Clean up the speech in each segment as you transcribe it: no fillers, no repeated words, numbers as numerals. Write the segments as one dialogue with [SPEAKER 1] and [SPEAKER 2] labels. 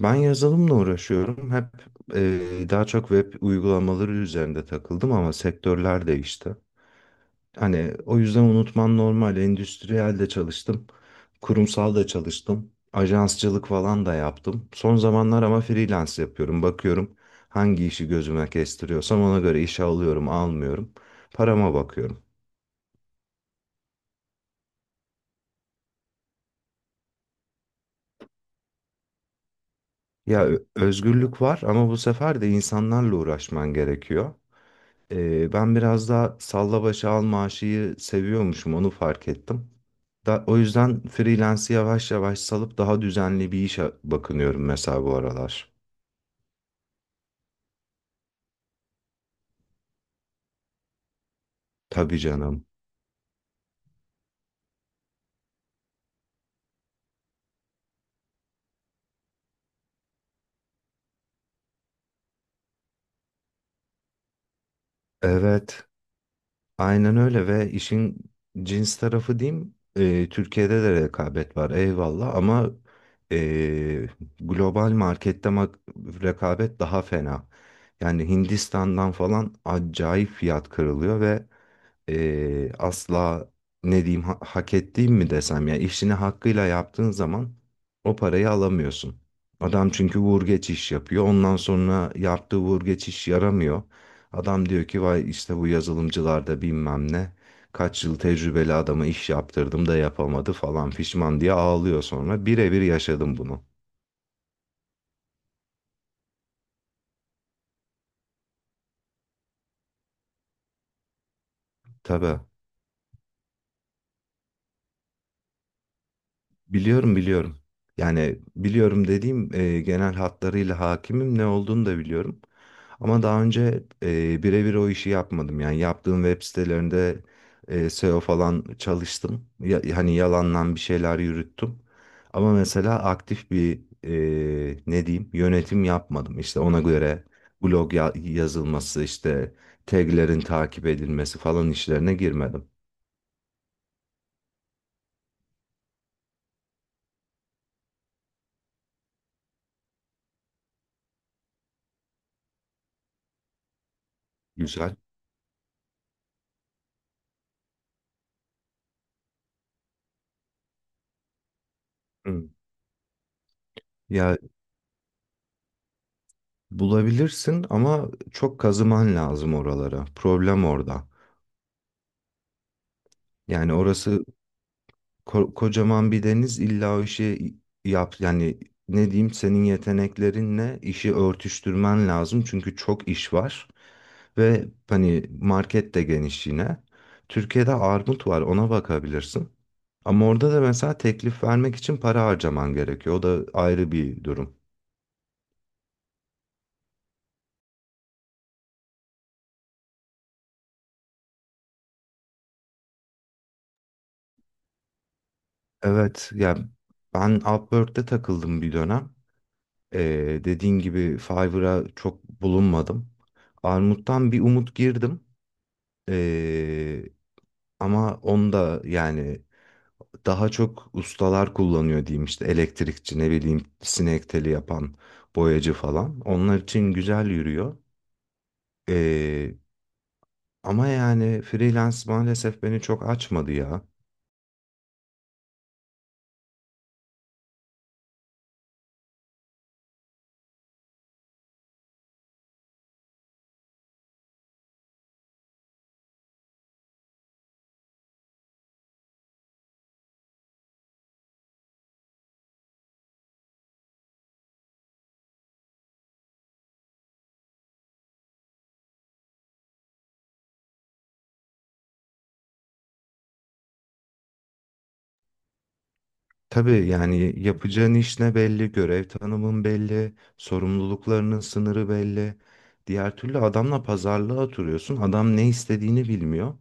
[SPEAKER 1] Ben yazılımla uğraşıyorum. Daha çok web uygulamaları üzerinde takıldım ama sektörler değişti. Hani o yüzden unutman normal. Endüstriyel de çalıştım. Kurumsal da çalıştım. Ajansçılık falan da yaptım. Son zamanlar ama freelance yapıyorum. Bakıyorum hangi işi gözüme kestiriyorsam ona göre işe alıyorum, almıyorum. Parama bakıyorum. Özgürlük var ama bu sefer de insanlarla uğraşman gerekiyor. Ben biraz daha salla başa al maaşıyı seviyormuşum, onu fark ettim. O yüzden freelance'i yavaş yavaş salıp daha düzenli bir işe bakınıyorum mesela bu aralar. Tabii canım. Evet, aynen öyle. Ve işin cins tarafı diyeyim. Türkiye'de de rekabet var, eyvallah, ama e, global markette rekabet daha fena. Yani Hindistan'dan falan acayip fiyat kırılıyor ve asla ne diyeyim, hak ettiğim mi desem, ya işini hakkıyla yaptığın zaman o parayı alamıyorsun. Adam çünkü vur geç iş yapıyor. Ondan sonra yaptığı vur geç iş yaramıyor. Adam diyor ki vay işte bu yazılımcılarda bilmem ne kaç yıl tecrübeli adama iş yaptırdım da yapamadı falan, pişman diye ağlıyor sonra. Birebir yaşadım bunu. Tabii. Biliyorum, biliyorum. Yani biliyorum dediğim genel hatlarıyla hakimim, ne olduğunu da biliyorum. Ama daha önce birebir o işi yapmadım. Yani yaptığım web sitelerinde SEO falan çalıştım. Hani yalandan bir şeyler yürüttüm. Ama mesela aktif bir ne diyeyim yönetim yapmadım. İşte ona göre blog yazılması, işte taglerin takip edilmesi falan işlerine girmedim. Güzel. Hı. Ya bulabilirsin ama çok kazıman lazım oralara. Problem orada. Yani orası Kocaman bir deniz, illa o işi yap yani. Ne diyeyim, senin yeteneklerinle işi örtüştürmen lazım çünkü çok iş var ve hani market de geniş yine. Türkiye'de armut var, ona bakabilirsin. Ama orada da mesela teklif vermek için para harcaman gerekiyor. O da ayrı bir durum. Evet ya, ben Upwork'te takıldım bir dönem. Dediğin gibi Fiverr'a çok bulunmadım. Armut'tan bir umut girdim. Ama onda yani daha çok ustalar kullanıyor diyeyim, işte elektrikçi, ne bileyim, sinek teli yapan, boyacı falan. Onlar için güzel yürüyor. Ee, Ama yani freelance maalesef beni çok açmadı ya. Tabii, yani yapacağın iş ne belli, görev tanımın belli, sorumluluklarının sınırı belli. Diğer türlü adamla pazarlığa oturuyorsun. Adam ne istediğini bilmiyor.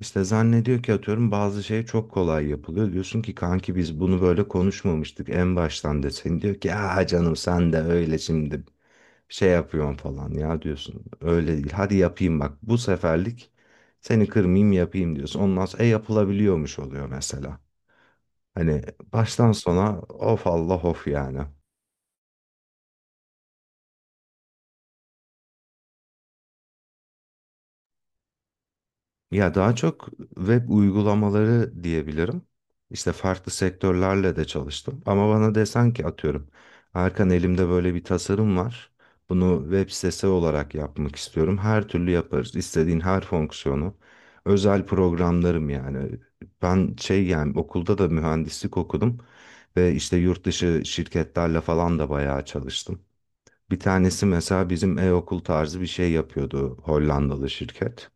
[SPEAKER 1] İşte zannediyor ki, atıyorum, bazı şey çok kolay yapılıyor. Diyorsun ki kanki biz bunu böyle konuşmamıştık en baştan desin. Diyor ki ya canım sen de öyle şimdi şey yapıyorsun falan ya, diyorsun. Öyle değil, hadi yapayım, bak bu seferlik seni kırmayayım yapayım diyorsun. Ondan sonra e yapılabiliyormuş oluyor mesela. Hani baştan sona of Allah of yani. Ya daha çok web uygulamaları diyebilirim. İşte farklı sektörlerle de çalıştım. Ama bana desen ki, atıyorum, Erkan elimde böyle bir tasarım var. Bunu web sitesi olarak yapmak istiyorum. Her türlü yaparız. İstediğin her fonksiyonu. Özel programlarım yani. Ben şey, yani okulda da mühendislik okudum. Ve işte yurt dışı şirketlerle falan da bayağı çalıştım. Bir tanesi mesela bizim e-okul tarzı bir şey yapıyordu, Hollandalı şirket.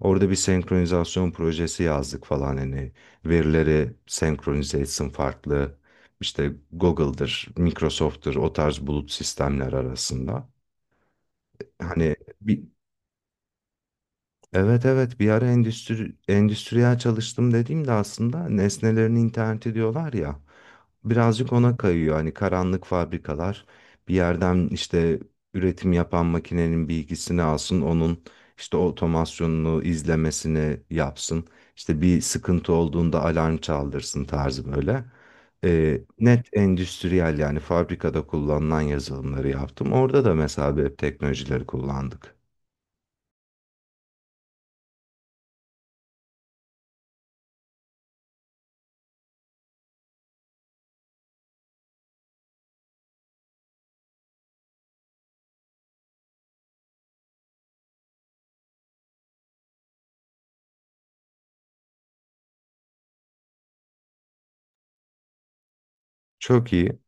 [SPEAKER 1] Orada bir senkronizasyon projesi yazdık falan, hani verileri senkronize etsin farklı işte Google'dır, Microsoft'tur o tarz bulut sistemler arasında. Hani bir, Evet evet, bir ara endüstriyel çalıştım dediğimde aslında nesnelerin interneti diyorlar ya, birazcık ona kayıyor. Hani karanlık fabrikalar bir yerden işte üretim yapan makinenin bilgisini alsın, onun işte otomasyonunu izlemesini yapsın, işte bir sıkıntı olduğunda alarm çaldırsın tarzı böyle. Net endüstriyel, yani fabrikada kullanılan yazılımları yaptım. Orada da mesela web teknolojileri kullandık. Çok iyi.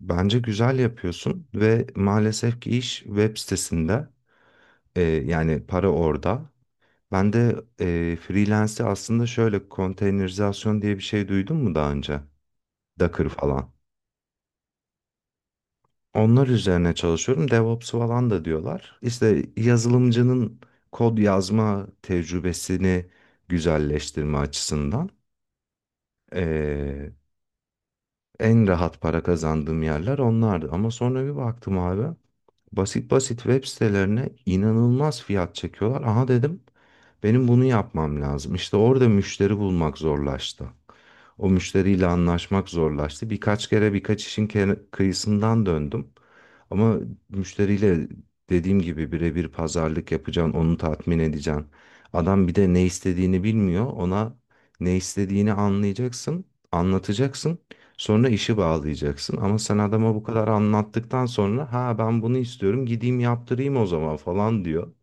[SPEAKER 1] Bence güzel yapıyorsun ve maalesef ki iş web sitesinde, yani para orada. Ben de freelance'i aslında şöyle, konteynerizasyon diye bir şey duydun mu daha önce? Docker falan. Onlar üzerine çalışıyorum. DevOps falan da diyorlar. İşte yazılımcının kod yazma tecrübesini güzelleştirme açısından. e, En rahat para kazandığım yerler onlardı. Ama sonra bir baktım abi. Basit basit web sitelerine inanılmaz fiyat çekiyorlar. Aha dedim, benim bunu yapmam lazım. İşte orada müşteri bulmak zorlaştı. O müşteriyle anlaşmak zorlaştı. Birkaç kere birkaç işin kıyısından döndüm. Ama müşteriyle, dediğim gibi, birebir pazarlık yapacaksın, onu tatmin edeceksin. Adam bir de ne istediğini bilmiyor. Ona ne istediğini anlayacaksın, anlatacaksın. Sonra işi bağlayacaksın ama sen adama bu kadar anlattıktan sonra ha ben bunu istiyorum, gideyim yaptırayım o zaman falan diyor.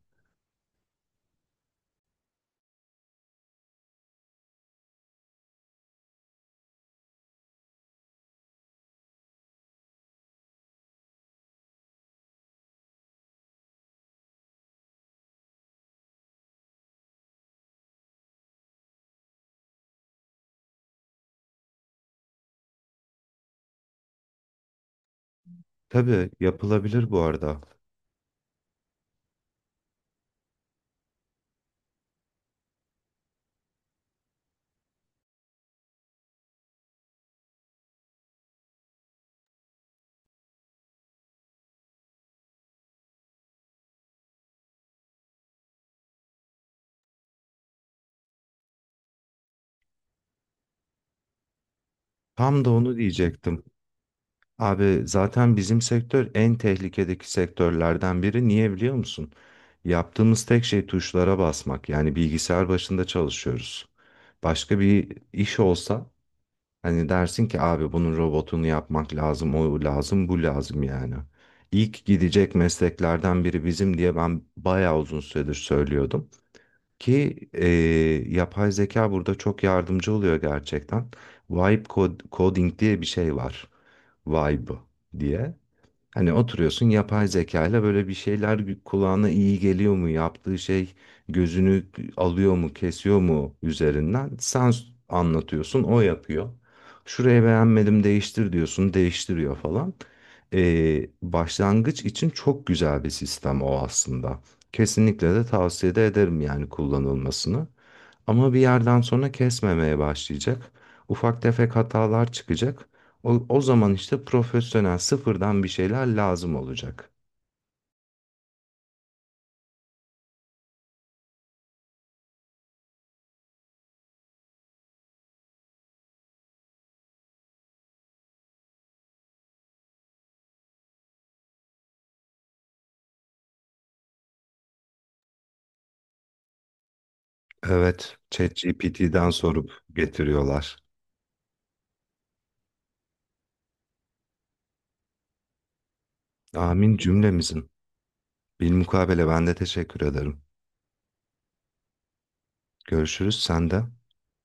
[SPEAKER 1] Tabii, yapılabilir bu arada. Tam da onu diyecektim. Abi zaten bizim sektör en tehlikedeki sektörlerden biri. Niye biliyor musun? Yaptığımız tek şey tuşlara basmak. Yani bilgisayar başında çalışıyoruz. Başka bir iş olsa hani dersin ki abi bunun robotunu yapmak lazım, o lazım, bu lazım yani. İlk gidecek mesleklerden biri bizim diye ben bayağı uzun süredir söylüyordum. Ki e, Yapay zeka burada çok yardımcı oluyor gerçekten. Coding diye bir şey var. Vibe diye. Hani oturuyorsun yapay zeka ile böyle bir şeyler kulağına iyi geliyor mu? Yaptığı şey gözünü alıyor mu, kesiyor mu üzerinden? Anlatıyorsun, o yapıyor. Şurayı beğenmedim, değiştir diyorsun, değiştiriyor falan. Başlangıç için çok güzel bir sistem o aslında. Kesinlikle de tavsiye de ederim yani kullanılmasını. Ama bir yerden sonra kesmemeye başlayacak. Ufak tefek hatalar çıkacak. O zaman işte profesyonel sıfırdan bir şeyler lazım olacak. Evet, ChatGPT'den sorup getiriyorlar. Amin cümlemizin. Bilmukabele ben de teşekkür ederim. Görüşürüz sen de.